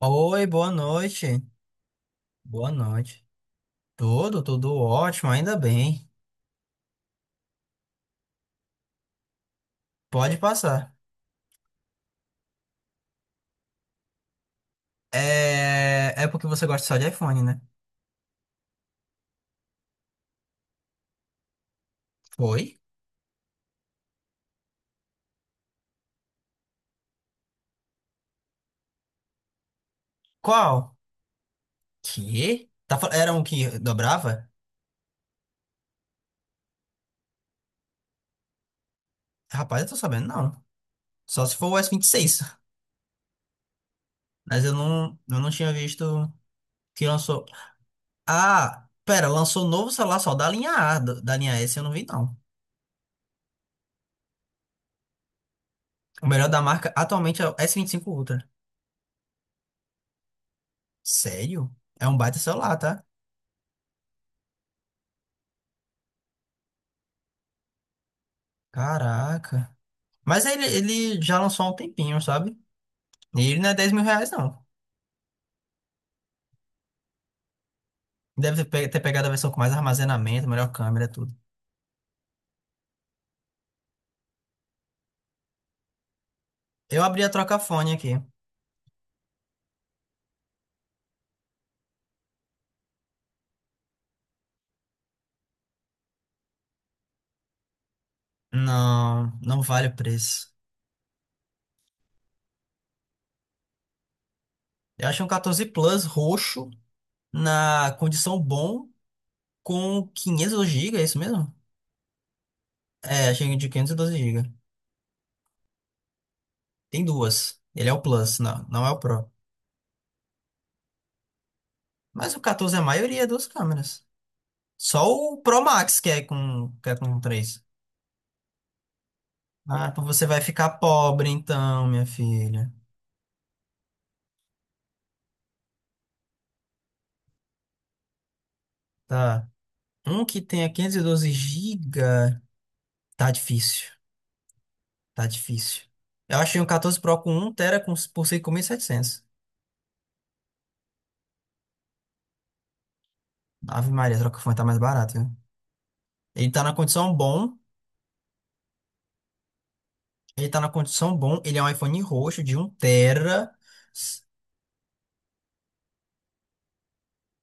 Oi, boa noite. Boa noite. Tudo ótimo, ainda bem. Pode passar. É porque você gosta só de iPhone, né? Foi? Qual? Que? Tá... Era um que dobrava? Rapaz, eu tô sabendo, não. Só se for o S26. Mas eu não tinha visto que lançou. Ah, pera, lançou novo celular só da linha A, da linha S eu não vi, não. O melhor da marca atualmente é o S25 Ultra. Sério? É um baita celular, tá? Caraca. Mas ele já lançou há um tempinho, sabe? E ele não é R$ 10.000, não. Deve ter pegado a versão com mais armazenamento, melhor câmera, tudo. Eu abri a trocafone aqui. Não, não vale o preço. Eu achei um 14 Plus roxo, na condição bom, com 512 GB, é isso mesmo? É, achei de 512 GB. Tem duas. Ele é o Plus, não, não é o Pro. Mas o 14 é a maioria das câmeras. Só o Pro Max que é com 3. Ah, então você vai ficar pobre então, minha filha. Tá. Um que tenha 512 GB. Tá difícil. Tá difícil. Eu achei um 14 Pro com um TB por 5.700. Ave Maria, a Trocafone tá mais barato, viu? Ele tá na condição bom. Ele tá na condição bom. Ele é um iPhone roxo de um 1 TB.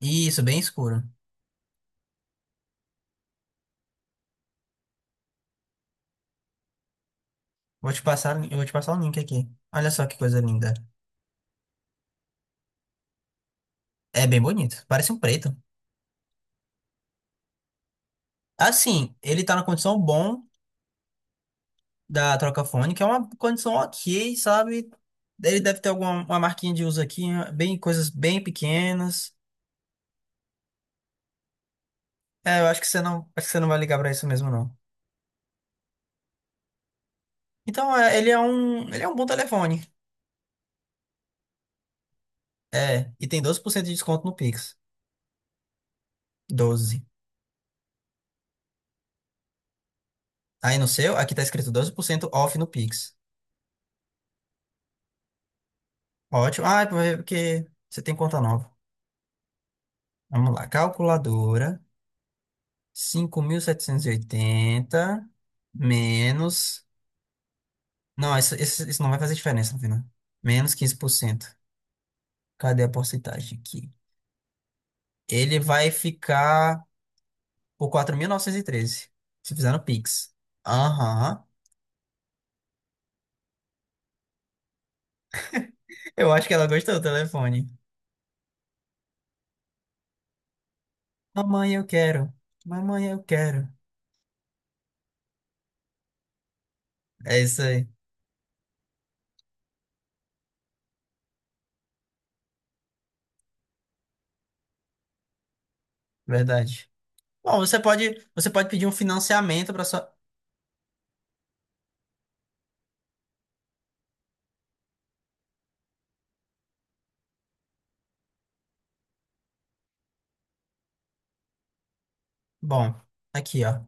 Isso, bem escuro. Eu vou te passar o link aqui. Olha só que coisa linda. É bem bonito. Parece um preto. Assim, ele tá na condição bom da Trocafone, que é uma condição ok, sabe? Ele deve ter alguma uma marquinha de uso aqui, né? Bem, coisas bem pequenas. É, eu acho que você não, acho que você não vai ligar pra isso mesmo, não. Então, ele é um bom telefone. É, e tem 12% de desconto no Pix. Doze. Aí no seu, aqui tá escrito 12% off no Pix. Ótimo. Ah, é porque você tem conta nova. Vamos lá, calculadora. 5.780, menos. Não, isso não vai fazer diferença no final. Menos 15%. Cadê a porcentagem aqui? Ele vai ficar por 4.913. Se fizer no Pix. Aham. Eu acho que ela gostou do telefone. Mamãe, eu quero. Mamãe, eu quero. É isso aí. Verdade. Bom, você pode pedir um financiamento para sua. Bom, aqui, ó.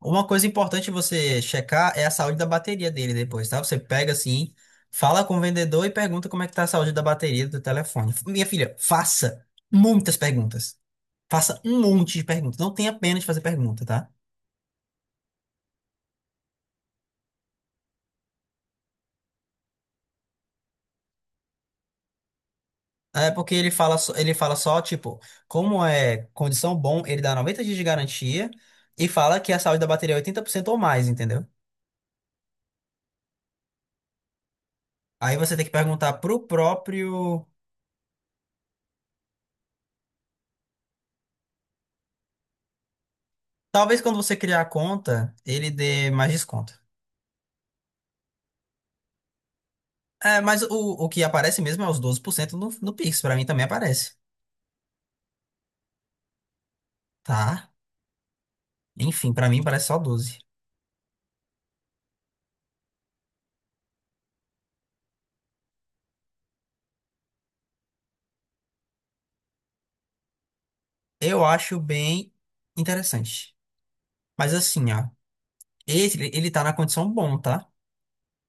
Uma coisa importante você checar é a saúde da bateria dele depois, tá? Você pega assim, fala com o vendedor e pergunta como é que tá a saúde da bateria do telefone. Minha filha, faça muitas perguntas. Faça um monte de perguntas. Não tenha pena de fazer pergunta, tá? É porque ele fala, ele fala só, tipo, como é condição bom, ele dá 90 dias de garantia e fala que a saúde da bateria é 80% ou mais, entendeu? Aí você tem que perguntar pro próprio. Talvez quando você criar a conta, ele dê mais desconto. É, mas o que aparece mesmo é os 12% no Pix. Pra mim também aparece. Tá? Enfim, pra mim parece só 12. Eu acho bem interessante. Mas assim, ó. Esse, ele ele tá na condição bom, tá?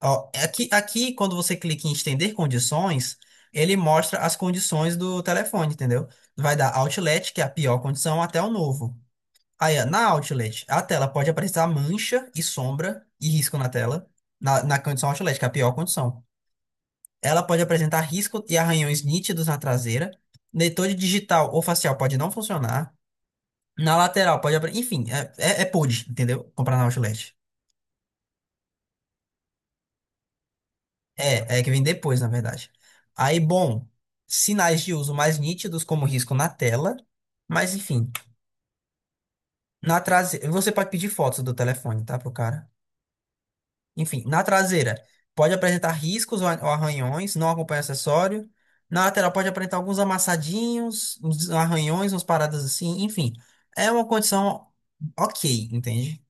Ó, aqui, quando você clica em estender condições, ele mostra as condições do telefone, entendeu? Vai dar Outlet, que é a pior condição, até o novo. Aí, ó, na Outlet, a tela pode aparecer mancha e sombra e risco na tela, na condição Outlet, que é a pior condição. Ela pode apresentar risco e arranhões nítidos na traseira. Leitor de digital ou facial pode não funcionar. Na lateral pode... Enfim, é pude, entendeu? Comprar na Outlet. É que vem depois, na verdade. Aí, bom, sinais de uso mais nítidos, como risco na tela. Mas, enfim, na traseira... Você pode pedir fotos do telefone, tá, pro cara? Enfim, na traseira pode apresentar riscos ou ou arranhões, não acompanha acessório. Na lateral pode apresentar alguns amassadinhos, uns arranhões, umas paradas assim, enfim. É uma condição ok, entende?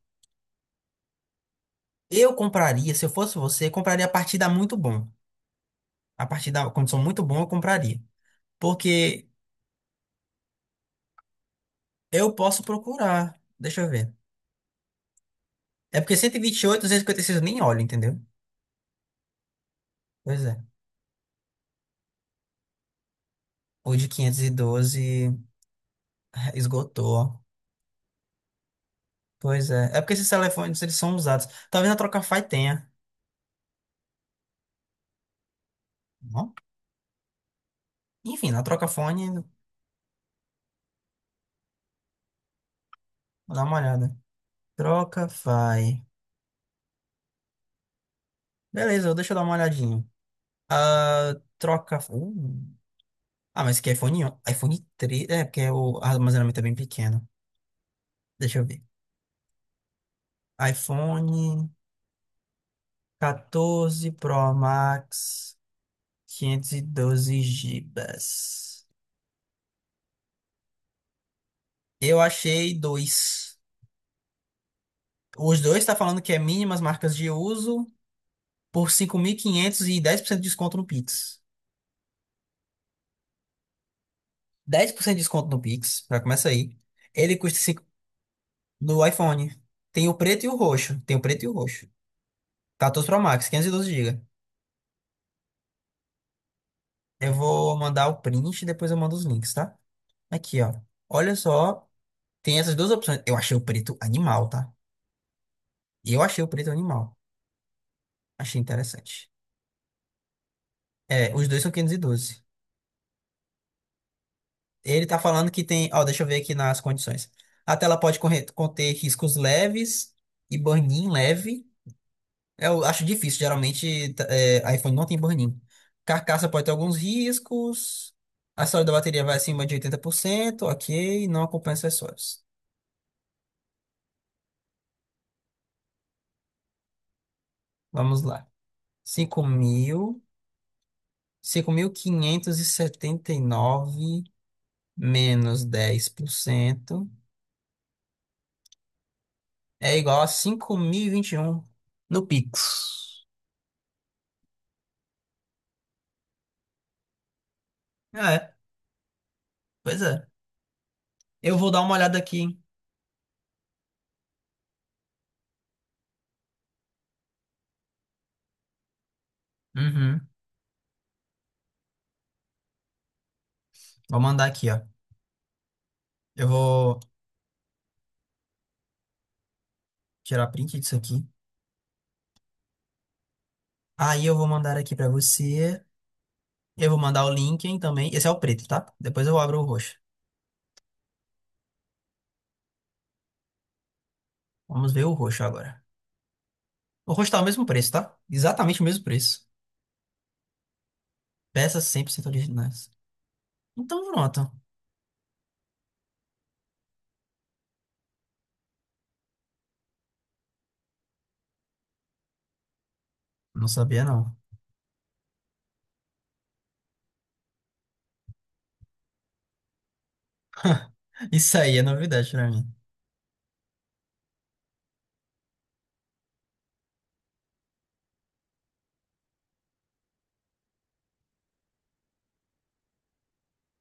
Eu compraria, se eu fosse você, compraria a partir da muito bom. A partir da condição muito bom, eu compraria. Porque eu posso procurar. Deixa eu ver. É porque 128, 256 eu nem olho, entendeu? Pois é. O de 512 esgotou. Pois é. É porque esses telefones, eles são usados. Talvez na Trocafy tenha. Não? Enfim, na Trocafone, vou dar uma olhada. Trocafy. Beleza, deixa eu dar uma olhadinha. Ah, troca... Ah, mas que iPhone... iPhone 3. É, porque o armazenamento é bem pequeno. Deixa eu ver. iPhone 14 Pro Max 512 GB. Eu achei dois. Os dois tá falando que é mínimas marcas de uso por 5.500 e 10% de desconto no Pix. 10% de desconto no Pix, já começa aí. Ele custa 5 no iPhone. Tem o preto e o roxo. Tem o preto e o roxo. 14 Pro Max, 512 GB. Eu vou mandar o print e depois eu mando os links, tá? Aqui, ó. Olha só, tem essas duas opções. Eu achei o preto animal, tá? Eu achei o preto animal. Achei interessante. É, os dois são 512. Ele tá falando que tem, ó, deixa eu ver aqui nas condições. A tela pode conter riscos leves e burn-in leve. Eu acho difícil, geralmente é, iPhone não tem burn-in. Carcaça pode ter alguns riscos. A saúde da bateria vai acima de 80% ok. Não acompanha acessórios. Vamos lá. cinco cinco mil cinco mil quinhentos e setenta e nove menos 10% é igual a 5.021 no Pix. Ah, É, pois é. Eu vou dar uma olhada aqui, hein? Uhum. Vou mandar aqui, ó. Eu vou tirar print disso aqui. Aí eu vou mandar aqui pra você. Eu vou mandar o Linken também. Esse é o preto, tá? Depois eu abro o roxo. Vamos ver o roxo agora. O roxo tá o mesmo preço, tá? Exatamente o mesmo preço. Peças 100% originais. Então pronto. Não sabia, não. Isso aí é novidade pra mim.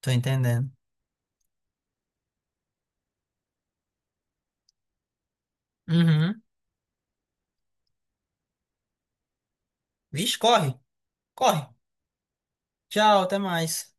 Tô entendendo. Uhum. Vixe, corre. Corre. Tchau, até mais.